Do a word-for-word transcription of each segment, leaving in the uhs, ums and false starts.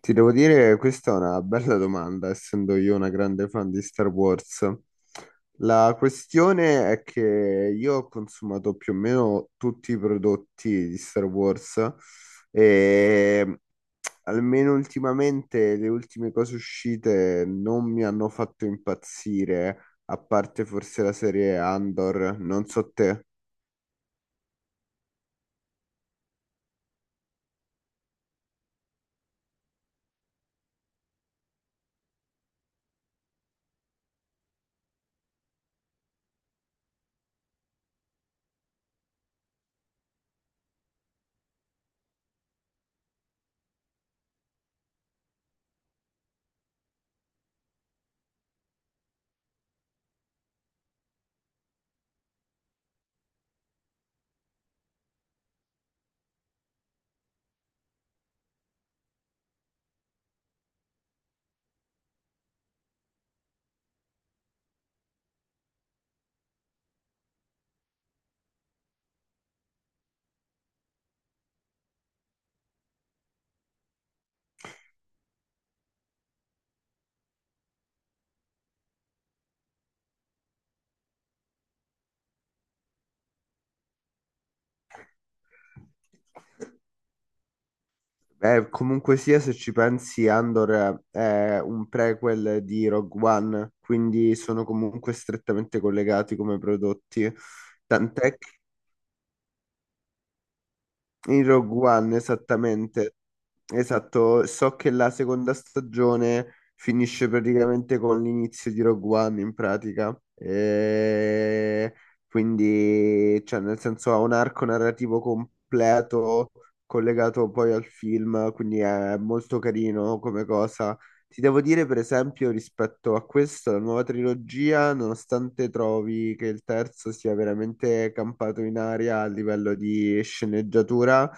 Ti devo dire, questa è una bella domanda, essendo io una grande fan di Star Wars. La questione è che io ho consumato più o meno tutti i prodotti di Star Wars e ehm, almeno ultimamente le ultime cose uscite non mi hanno fatto impazzire, a parte forse la serie Andor, non so te. Eh, comunque sia, se ci pensi, Andor è un prequel di Rogue One, quindi sono comunque strettamente collegati come prodotti. Tant'è in Rogue One, esattamente. Esatto, so che la seconda stagione finisce praticamente con l'inizio di Rogue One in pratica. E quindi, cioè, nel senso ha un arco narrativo completo collegato poi al film, quindi è molto carino come cosa. Ti devo dire, per esempio, rispetto a questo, la nuova trilogia, nonostante trovi che il terzo sia veramente campato in aria a livello di sceneggiatura,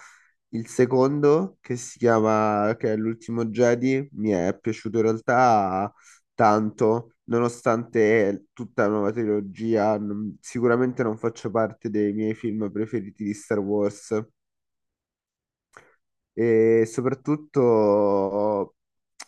il secondo, che si chiama, che è l'ultimo Jedi, mi è piaciuto in realtà tanto, nonostante tutta la nuova trilogia, non- sicuramente non faccia parte dei miei film preferiti di Star Wars e soprattutto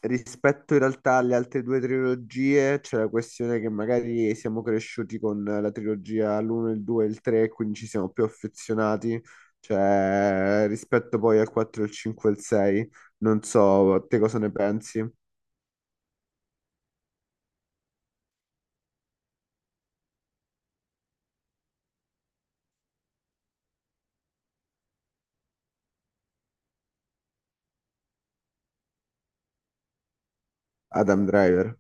rispetto in realtà alle altre due trilogie c'è la questione che magari siamo cresciuti con la trilogia l'uno, il due e il tre, quindi ci siamo più affezionati, cioè rispetto poi al quattro, il cinque e il sei. Non so, te cosa ne pensi, Adam Driver?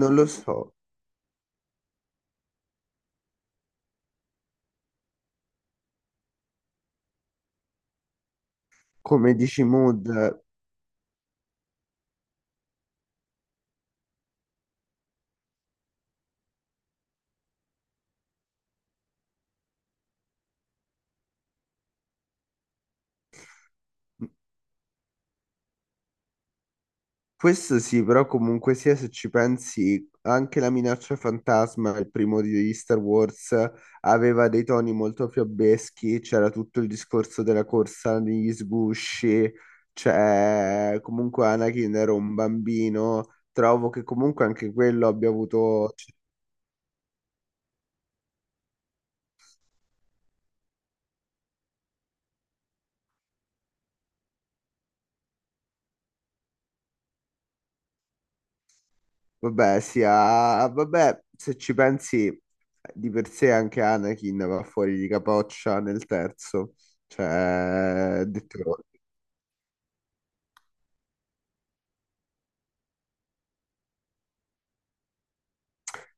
Non lo so, come dici Mood. Questo sì, però comunque sia se ci pensi, anche la minaccia fantasma, il primo di Star Wars, aveva dei toni molto fiabeschi, c'era tutto il discorso della corsa negli sgusci, cioè comunque Anakin era un bambino, trovo che comunque anche quello abbia avuto, cioè, vabbè, sia, vabbè, se ci pensi di per sé anche Anakin va fuori di capoccia nel terzo, cioè, detto.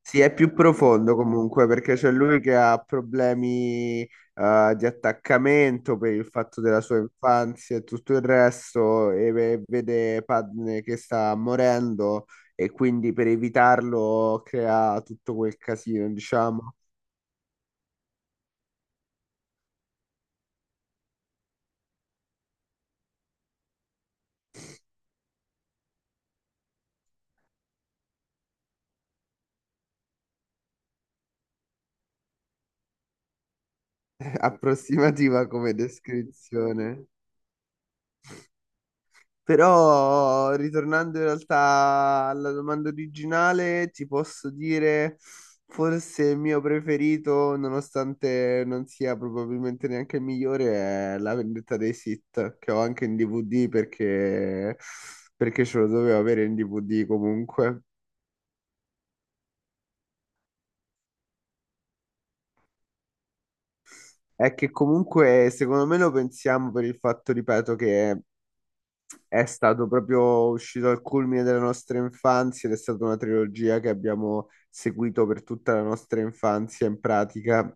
Sì, è più profondo comunque perché c'è lui che ha problemi eh, di attaccamento per il fatto della sua infanzia e tutto il resto e ve- vede Padme che sta morendo e quindi per evitarlo crea tutto quel casino, diciamo. Approssimativa come descrizione. Però, ritornando in realtà alla domanda originale, ti posso dire forse il mio preferito, nonostante non sia probabilmente neanche il migliore, è La vendetta dei Sith, che ho anche in D V D perché, perché ce lo dovevo avere in D V D comunque. È che comunque, secondo me, lo pensiamo per il fatto, ripeto, che è stato proprio uscito al culmine della nostra infanzia ed è stata una trilogia che abbiamo seguito per tutta la nostra infanzia in pratica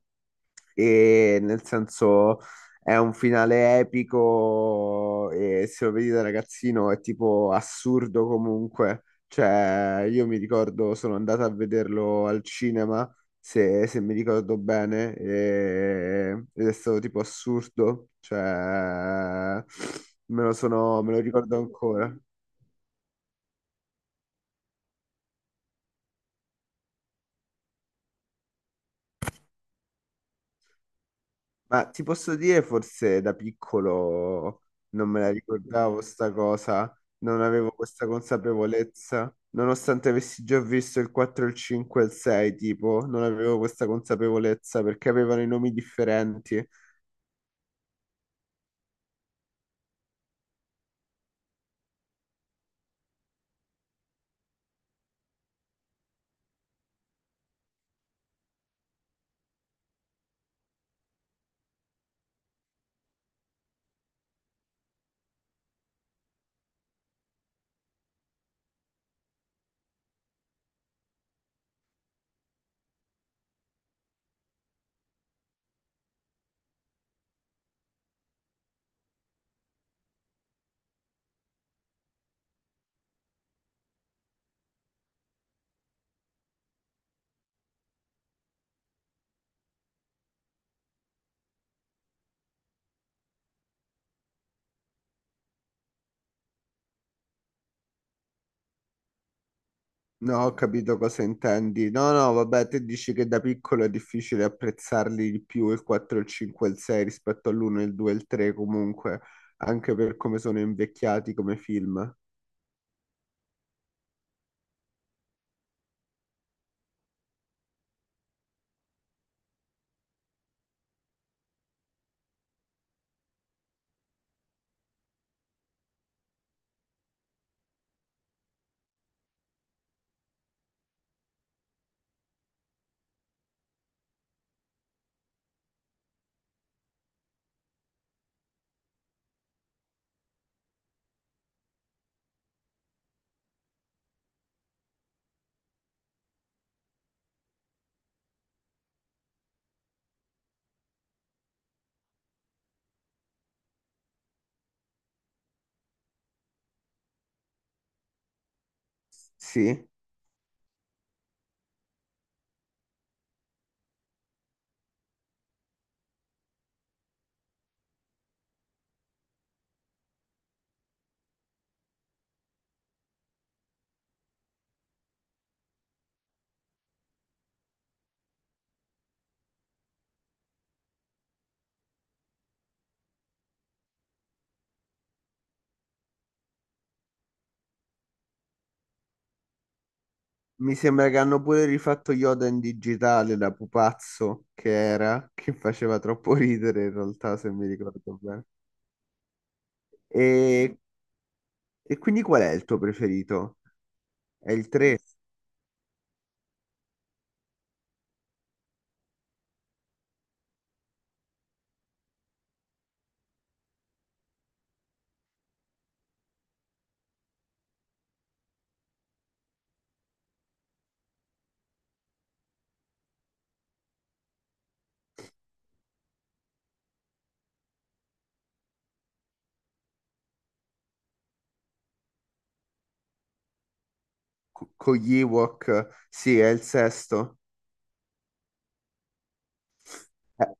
e nel senso è un finale epico e se lo vedi da ragazzino è tipo assurdo comunque. Cioè, io mi ricordo, sono andato a vederlo al cinema, se, se mi ricordo bene, e- ed è stato tipo assurdo, cioè, me lo sono, me lo ricordo ancora. Ma ti posso dire, forse da piccolo non me la ricordavo sta cosa, non avevo questa consapevolezza, nonostante avessi già visto il quattro, il cinque e il sei, tipo, non avevo questa consapevolezza perché avevano i nomi differenti. No, ho capito cosa intendi. No, no, vabbè, te dici che da piccolo è difficile apprezzarli di più il quattro, il cinque e il sei rispetto all'uno, il due e il tre comunque, anche per come sono invecchiati come film. Sì. Mi sembra che hanno pure rifatto Yoda in digitale da pupazzo che era, che faceva troppo ridere in realtà, se mi ricordo bene. E, e quindi qual è il tuo preferito? È il tre con gli Ewok? Sì, è il sesto. Eh,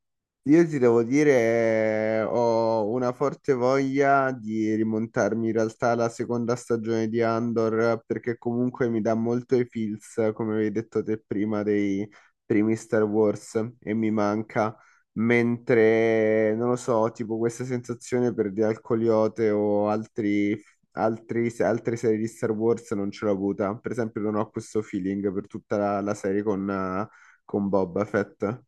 Io ti devo dire, eh, ho una forte voglia di rimontarmi in realtà alla seconda stagione di Andor, eh, perché comunque mi dà molto i feels, eh, come avevi detto te prima, dei primi Star Wars e mi manca. Mentre, non lo so, tipo questa sensazione per The Alcoliote o altri, altri- altre serie di Star Wars non ce l'ho avuta. Per esempio, non ho questo feeling per tutta la, la serie con, eh, con Boba Fett.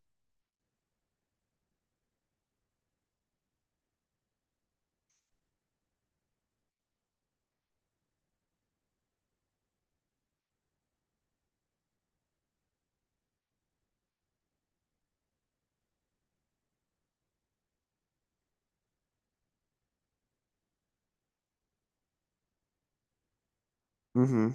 Mhm.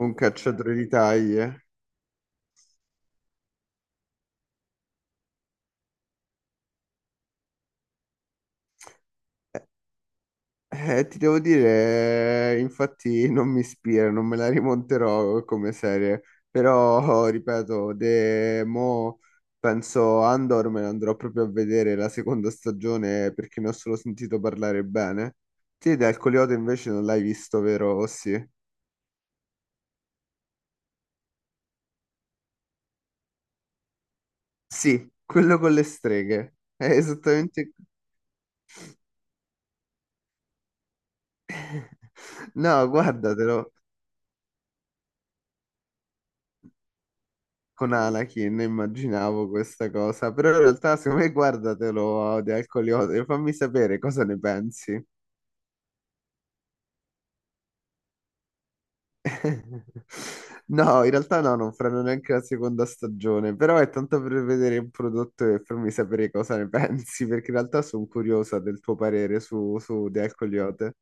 Un cacciatore di taglie. Eh, eh, ti devo dire, eh, infatti non mi ispira, non me la rimonterò come serie, però ripeto, de, mo penso Andor me ne andrò proprio a vedere la seconda stagione perché ne ho solo sentito parlare bene. Te dal Coleote invece non l'hai visto, vero? O sì, sì, quello con le streghe. È esattamente. No, guardatelo. Con Anakin immaginavo questa cosa, però in realtà secondo me guardatelo di Alcoliote e fammi sapere cosa ne pensi. No, in realtà no, non faranno neanche la seconda stagione, però è tanto per vedere il prodotto e farmi sapere cosa ne pensi, perché in realtà sono curiosa del tuo parere su, su The Alcoliote.